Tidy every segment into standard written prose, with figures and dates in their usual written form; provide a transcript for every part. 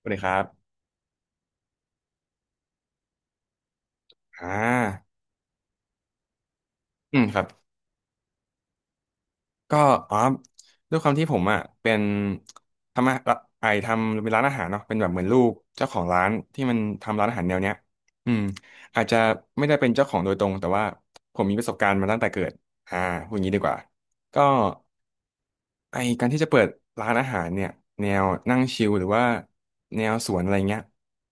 สวัสดีครับอ่าอืมครับ ก็อ๋อด้วยความที่ผมอ่ะเป็นทำอะไอทำเป็นร้านอาหารเนาะเป็นแบบเหมือนลูกเจ้าของร้านที่มันทำร้านอาหารแนวเนี้ยอืมอาจจะไม่ได้เป็นเจ้าของโดยตรงแต่ว่าผมมีประสบการณ์มาตั้งแต่เกิดอ่าพูดอย่างนี้ดีกว่าก็ไอการที่จะเปิดร้านอาหารเนี่ยแนวนั่งชิลหรือว่าแนวสวนอะไรเงี้ย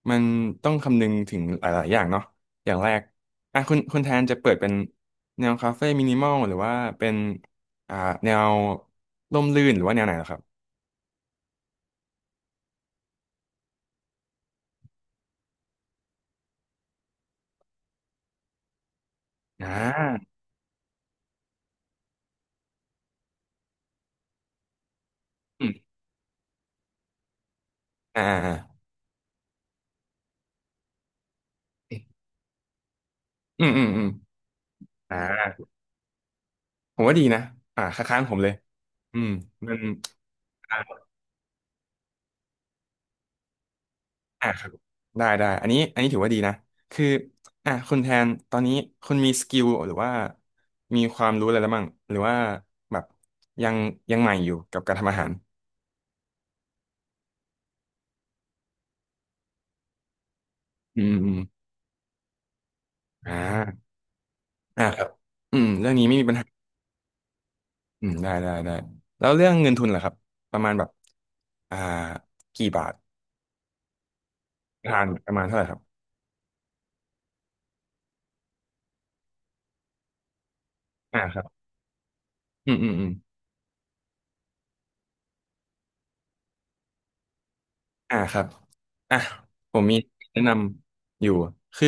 มันต้องคำนึงถึงหลายๆอย่างเนาะอย่างแรกอ่ะคุณแทนจะเปิดเป็นแนวคาเฟ่มินิมอลหรือว่าเป็น อ่าแนวร่มรื่นหรือว่าแนวไหนเหรอครับอ่าอืมอ่าอ่าอืมอืมอืมอ่าผมว่าดีนะอ่าคล้ายๆผมเลยอืมมันอ่าอ่าครับได้ได้อันนี้ถือว่าดีนะคืออ่าคุณแทนตอนนี้คุณมีสกิลหรือว่ามีความรู้อะไรแล้วบ้างหรือว่าแบบยังยังใหม่อยู่กับการทำอาหารอืมอืมอมอ่าอ่าครับอืมเรื่องนี้ไม่มีปัญหา อืมได้ได้ได้แล้วเรื่องเงินทุนล่ะครับประมาณแบบอ่ากี่บาทประมาณเท่าไหร่ครับอ่าครับอืมอืมอืม อ่าครับอ่ะผมมีแนะนำอยู่คือ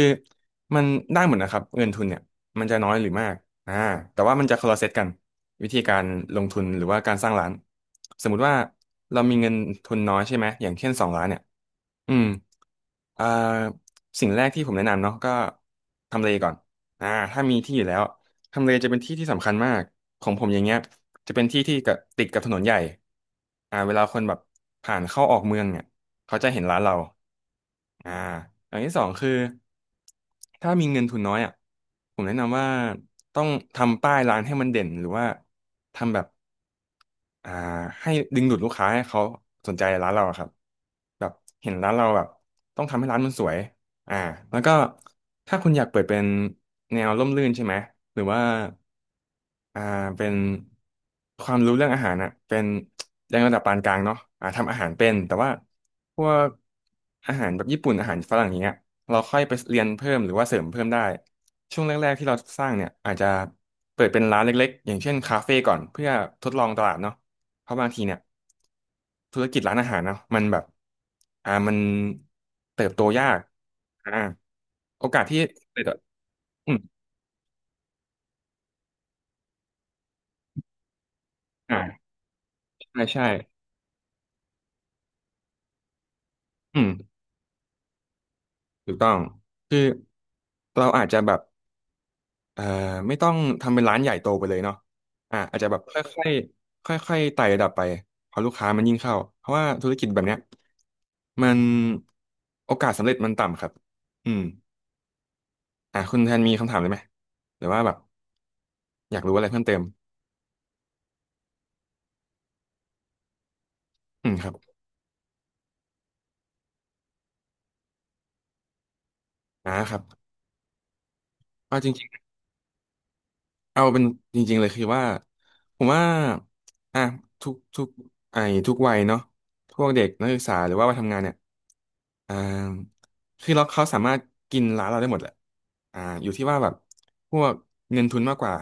มันได้หมดนะครับเงินทุนเนี่ยมันจะน้อยหรือมากอ่าแต่ว่ามันจะคนละเซตกันวิธีการลงทุนหรือว่าการสร้างร้านสมมุติว่าเรามีเงินทุนน้อยใช่ไหมอย่างเช่นสองล้านเนี่ยอืมอ่าสิ่งแรกที่ผมแนะนำเนาะก็ทำเลก่อนอ่าถ้ามีที่อยู่แล้วทำเลจะเป็นที่ที่สำคัญมากของผมอย่างเงี้ย จะเป็นที่ที่กับติดกับถนนใหญ่เวลาคนแบบผ่านเข้าออกเมืองเนี่ยเขาจะเห็นร้านเราอ่าอย่างที่สองคือถ้ามีเงินทุนน้อยอ่ะผมแนะนำว่าต้องทำป้ายร้านให้มันเด่นหรือว่าทำแบบ อ่าให้ดึงดูดลูกค้าให้เขาสนใจร้านเราอะครับแบบเห็นร้านเราแบบต้องทำให้ร้านมันสวยอ่าแล้วก็ถ้าคุณอยากเปิดเป็นแนวร่มรื่นใช่ไหมหรือว่าอ่าเป็นความรู้เรื่องอาหารอ่ะเป็นแรงระดับปานกลางเนาะอ่าทำอาหารเป็นแต่ว่าพวกอาหารแบบญี่ปุ่นอาหารฝรั่งอย่างเงี้ยเราค่อยไปเรียนเพิ่มหรือว่าเสริมเพิ่มได้ช่วงแรกๆที่เราสร้างเนี่ยอาจจะเปิดเป็นร้านเล็กๆอย่างเช่นคาเฟ่ก่อนเพื่อทดลองตลาดเนาะ เพราะบางทีเนี่ยธุรกิจร้านอาหารเนาะมันแบบมันเติบโตยากอ่าโอกาสที่เติบโตอืมอ่าใช่ใช่อืมถูกต้องคือเราอาจจะแบบเอ่อไม่ต้องทำเป็นร้านใหญ่โตไปเลยเนาะอ่าอาจจะแบบค่อยๆค่อยๆไต่ระดับไปพอลูกค้ามันยิ่งเข้าเพราะว่าธุรกิจแบบเนี้ยมันโอกาสสำเร็จมันต่ำครับอืมคุณแทนมีคำถามเลยไหมหรือว่าแบบอยากรู้อะไรเพิ่มเติม อืมครับอ่าครับว่าๆเอาเป็นจริงๆเลยคือว่า ผมว่าอ่ะทุกทุกไอ้ทุกวัยเนาะพวกเด็กนักศึกษาหรือว่าวัยทำงานเนี่ยอ่าคือเขาสามารถกินร้านเราได้หมดแหละอยู่ที่ว่าแบบพวกเงินทุนมากกว่า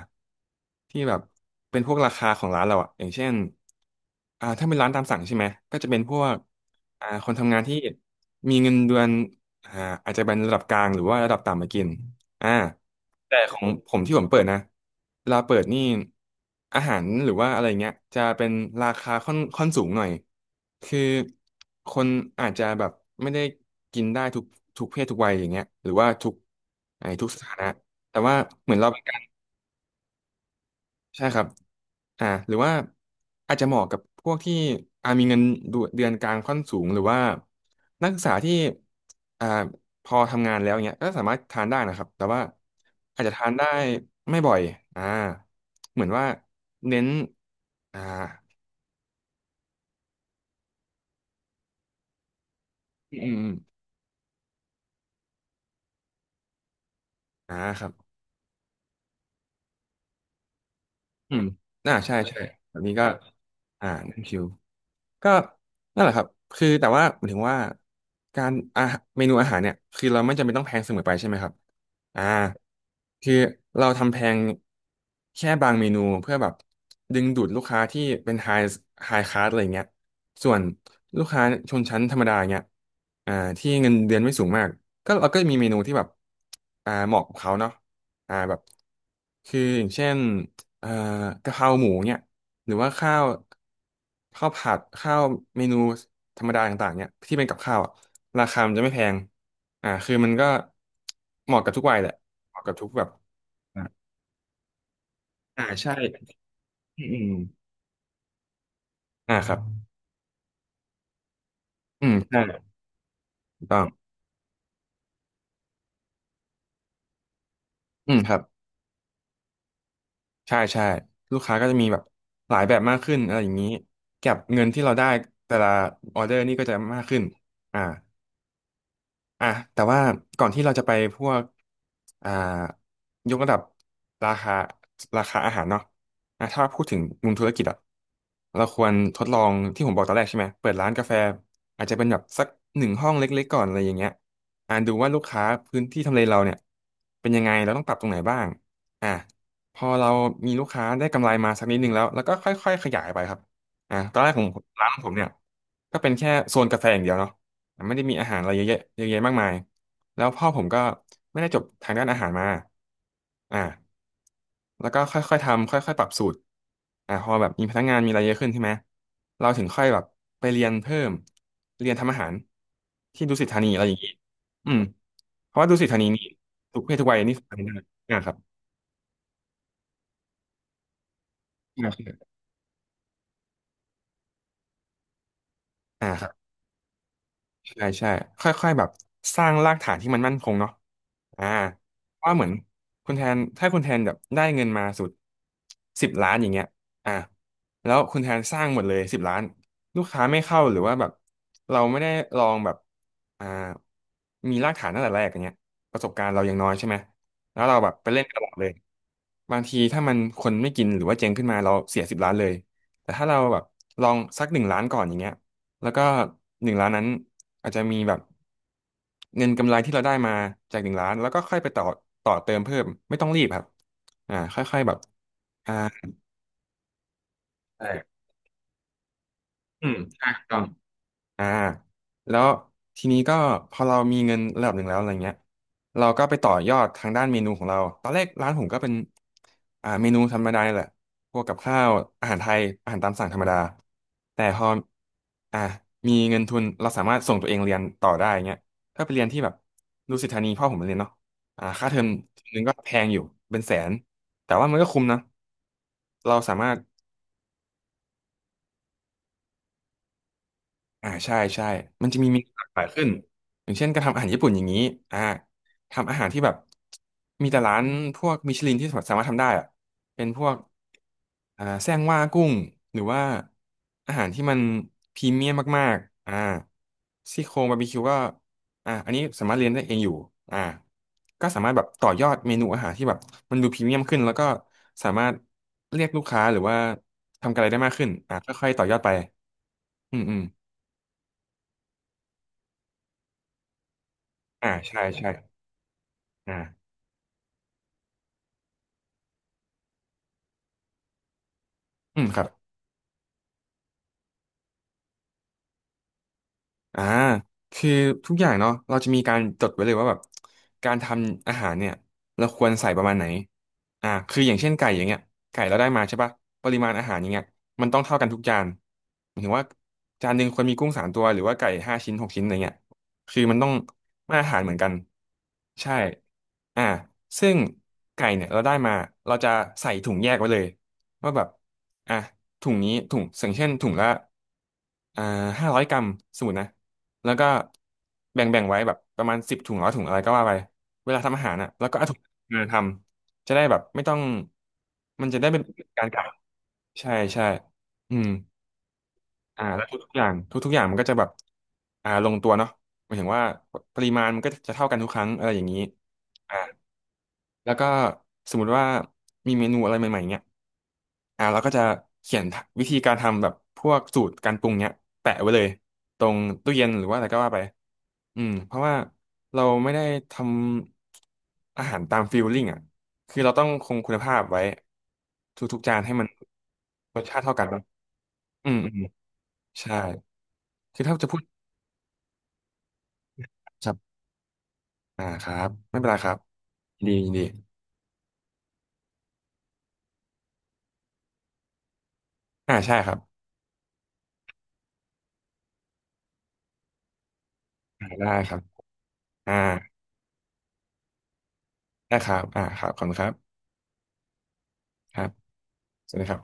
ที่แบบเป็นพวกราคาของร้านเราอะอย่างเช่นถ้าเป็นร้านตามสั่งใช่ไหม ก็จะเป็นพวกคนทำงานที่มีเงินเดือนอ่าอาจจะเป็นระดับกลางหรือว่าระดับต่ำมากินอ่า แต่ของผมที่ผมเปิดนะเวลาเปิดนี่อาหารหรือว่าอะไรเงี้ยจะเป็นราคาค่อนสูงหน่อยคือคนอาจจะแบบไม่ได้กินได้ทุกเพศทุกวัยอย่างเงี้ยหรือว่าทุกไอ้ทุกสถานะแต่ว่าเหมือนเรา ใช่ครับหรือว่าอาจจะเหมาะกับพวกที่มีเงินเดือนเดือนกลางค่อนสูงหรือว่านักศึกษาที่อ่าพอทำงานแล้วเนี้ยก็สามารถทานได้นะครับ แต่ว่าอาจจะทานได้ไม่บ่อยอ่าเหมือนว่าเน้น อ่าอืมอืมอมอ่าครับ อืมอ่าใช่ใช่แบบนี้ก็ อ่านั่นคิว ก็นั่นแหละครับ คือแต่ว่าหมายถึงว่าการอาหารเมนูอาหารเนี่ยคือเราไม่จำเป็นต้องแพงเสมอไปใช่ไหมครับอ่าคือเราทำแพงแค่บางเมนูเพื่อแบบดึงดูดลูกค้าที่เป็นไฮคลาสอะไรเงี้ยส่วนลูกค้าชนชั้นธรรมดาเงี้ยอ่าที่เงินเดือนไม่สูงมากก็เราก็มีเมนูที่แบบเหมาะกับเขาเนาะแบบคืออย่างเช่น เอ่อกะเพราหมูเนี่ยหรือว่าข้าวผัดข้าวเมนูธรรมดาต่างๆเนี่ยที่เป็นกับข้าวอะราคามันจะไม่แพงคือมันก็เหมาะกับทุกวัยแหละเหมาะกับทุกแบบอ่าอ่าใช่อืมอืมครับอืมใช่ถูกต้องอืมครับใช่ใช่ลูกค้าก็จะมีแบบหลายแบบมากขึ้นอะไรอย่างนี้กับเงินที่เราได้แต่ละออเดอร์นี่ก็จะมากขึ้นอ่า อ่ะแต่ว่าก่อนที่เราจะไปพวกอ่ายกระดับราคาราคาอาหารเนาะอ่ะถ้าพูดถึงมุมธุรกิจอะเราควรทดลองที่ผมบอกตอนแรกใช่ไหมเปิดร้านกาแฟอาจจะเป็นแบบสักหนึ่งห้องเล็กๆก่อนอะไรอย่างเงี้ยดูว่าลูกค้าพื้นที่ทำเลเราเนี่ยเป็นยังไงเราต้องปรับตรงไหนบ้างอ่ะพอเรามีลูกค้าได้กำไรมาสักนิดนึงแล้วแล้วก็ค่อยๆขยายไปครับอ่ะตอนแรกผมร้านของผมเนี่ยก็เป็นแค่โซนกาแฟอย่างเดียวเนาะ ไม่ได้มีอาหารอะไรเยอะแยะมากมายแล้วพ่อผมก็ไม่ได้จบทางด้านอาหารมาอ่าแล้วก็ค่อยๆทำค่อยๆปรับสูตรพอแบบมีพนักงานมีอะไรเยอะขึ้นใช่ไหมเราถึงค่อยแบบไปเรียนเพิ่มเรียนทำอาหารที่ดุสิตธานีอะไรอย่างงี้อืมเพราะว่าดุสิตธานีนี่ทุกเพศทุกวัยนี่สามารถได้อ่าครับอ่าครับอ่าครับ ใช่ใช่ค่อยๆแบบสร้างรากฐานที่มันมั่นคงเนาะอ่าเพราะว่าเหมือนคุณแทนถ้าคุณแทนแบบได้เงินมาสุดสิบล้านอย่างเงี้ยอ่าแล้วคุณแทนสร้างหมดเลยสิบล้านลูกค้าไม่เข้าหรือว่าแบบเราไม่ได้ลองแบบอ่ามีรากฐานตั้งแต่แรกอย่างเงี้ยประสบการณ์เรายังน้อยใช่ไหมแล้วเราแบบไปเล่นตลาดเลยบางทีถ้ามันคนไม่กินหรือว่าเจ๊งขึ้นมาเราเสียสิบล้านเลยแต่ถ้าเราแบบลองสักหนึ่งล้านก่อนอย่างเงี้ย แล้วก็1 ล้านนั้นอาจจะมีแบบเงินกำไรที่เราได้มาจากหนึ่งล้านแล้วก็ค่อยไปต่อเติมเพิ่มไม่ต้องรีบครับค่อยๆแบบอ่าใช่อืมใช่ถูกต้อง อ่าแล้วทีนี้ก็พอเรามีเงินระดับหนึ่งแล้วอะไรเงี้ยเราก็ไปต่อยอดทางด้านเมนูของเราตอนแรกร้านผมก็เป็นเมนูธรรมดานี่แหละพวกกับข้าวอาหารไทยอาหารตามสั่งธรรมดาแต่พออ่ามีเงินทุนเราสามารถส่งตัวเองเรียนต่อได้เงี้ยถ้าไปเรียนที่แบบดุสิตธานีพ่อผมเรียนเนาะค่าเทอมเทอมนึงก็แพงอยู่เป็นแสนแต่ว่ามันก็คุ้มนะเราสามารถ อ่าใช่ใช่ มันจะมีเมนูหลากหลายขึ้นอย่างเช่นการทำอาหารญี่ปุ่นอย่างนี้อ่าทำอาหารที่แบบมีแต่ร้านพวกมิชลินที่สามารถทำได้อะเป็นพวกแซงว่ากุ้ง หรือว่าอาหารที่มันพรีเมียมมากๆอ่าซี่โครงบาร์บีคิวก็อันนี้สามารถเรียนได้เองอยู่อ่าก็สามารถแบบต่อยอดเมนูอาหารที่แบบมันดูพรีเมียมขึ้นแล้วก็สามารถเรียกลูกค้าหรือว่าทำอะไรได้มากขึ้นค่อยๆต่อยอดไปอืมอืม อ่าใช่ใช่อ่าอืมครับ อ่าคือทุกอย่างเนาะเราจะมีการจดไว้เลยว่าแบบการทำอาหารเนี่ยเราควรใส่ประมาณไหนคืออย่างเช่นไก่อย่างเงี้ยไก่เราได้มาใช่ปะปริมาณอาหารอย่างเงี้ยมันต้องเท่ากันทุกจานหมายถึงว่าจานหนึ่งควรมีกุ้ง3 ตัวหรือว่าไก่5 ชิ้น6 ชิ้นอะไรเงี้ยคือมันต้องมาตรฐานเหมือนกันใช่อ่าซึ่งไก่เนี่ยเราได้มาเราจะใส่ถุงแยกไว้เลยว่าแบบอ่ะถุงนี้ถุงอย่างเช่นถุงละอ่า500 กรัมสมมตินะ แล้วก็แบ่งไว้แบบประมาณ10 ถุง100 ถุงอะไรก็ว่าไป เวลาทำอาหารอ่ะแล้วก็เอาถุงมาทำจะได้แบบไม่ต้องมันจะได้เป็นการกะใช่ใช่อืมแล้วทุกๆอย่างทุกๆอย่างมันก็จะแบบลงตัวเนาะหมายถึงว่าปริมาณมันก็จะเท่ากันทุกครั้งอะไรอย่างนี้อ่า แล้วก็สมมุติว่ามีเมนูอะไรใหม่ๆเนี่ยเราก็จะเขียนวิธีการทำแบบพวกสูตรการปรุงเนี่ยแปะไว้เลยตรงตู้เย็นหรือว่าอะไรก็ว่าไปอืมเพราะว่าเราไม่ได้ทำอาหารตามฟีลลิ่งอ่ะคือเราต้องคงคุณภาพไว้ทุกๆจานให้มันรสชาติเท่ากันนะอืมอืมใช่ คือถ้าจะพูดครับครับไม่เป็นไรครับยินดียินดีใช่ครับได้ครับอ่าได้ครับครับขอบคุณครับครับ ใช่ไหมครับ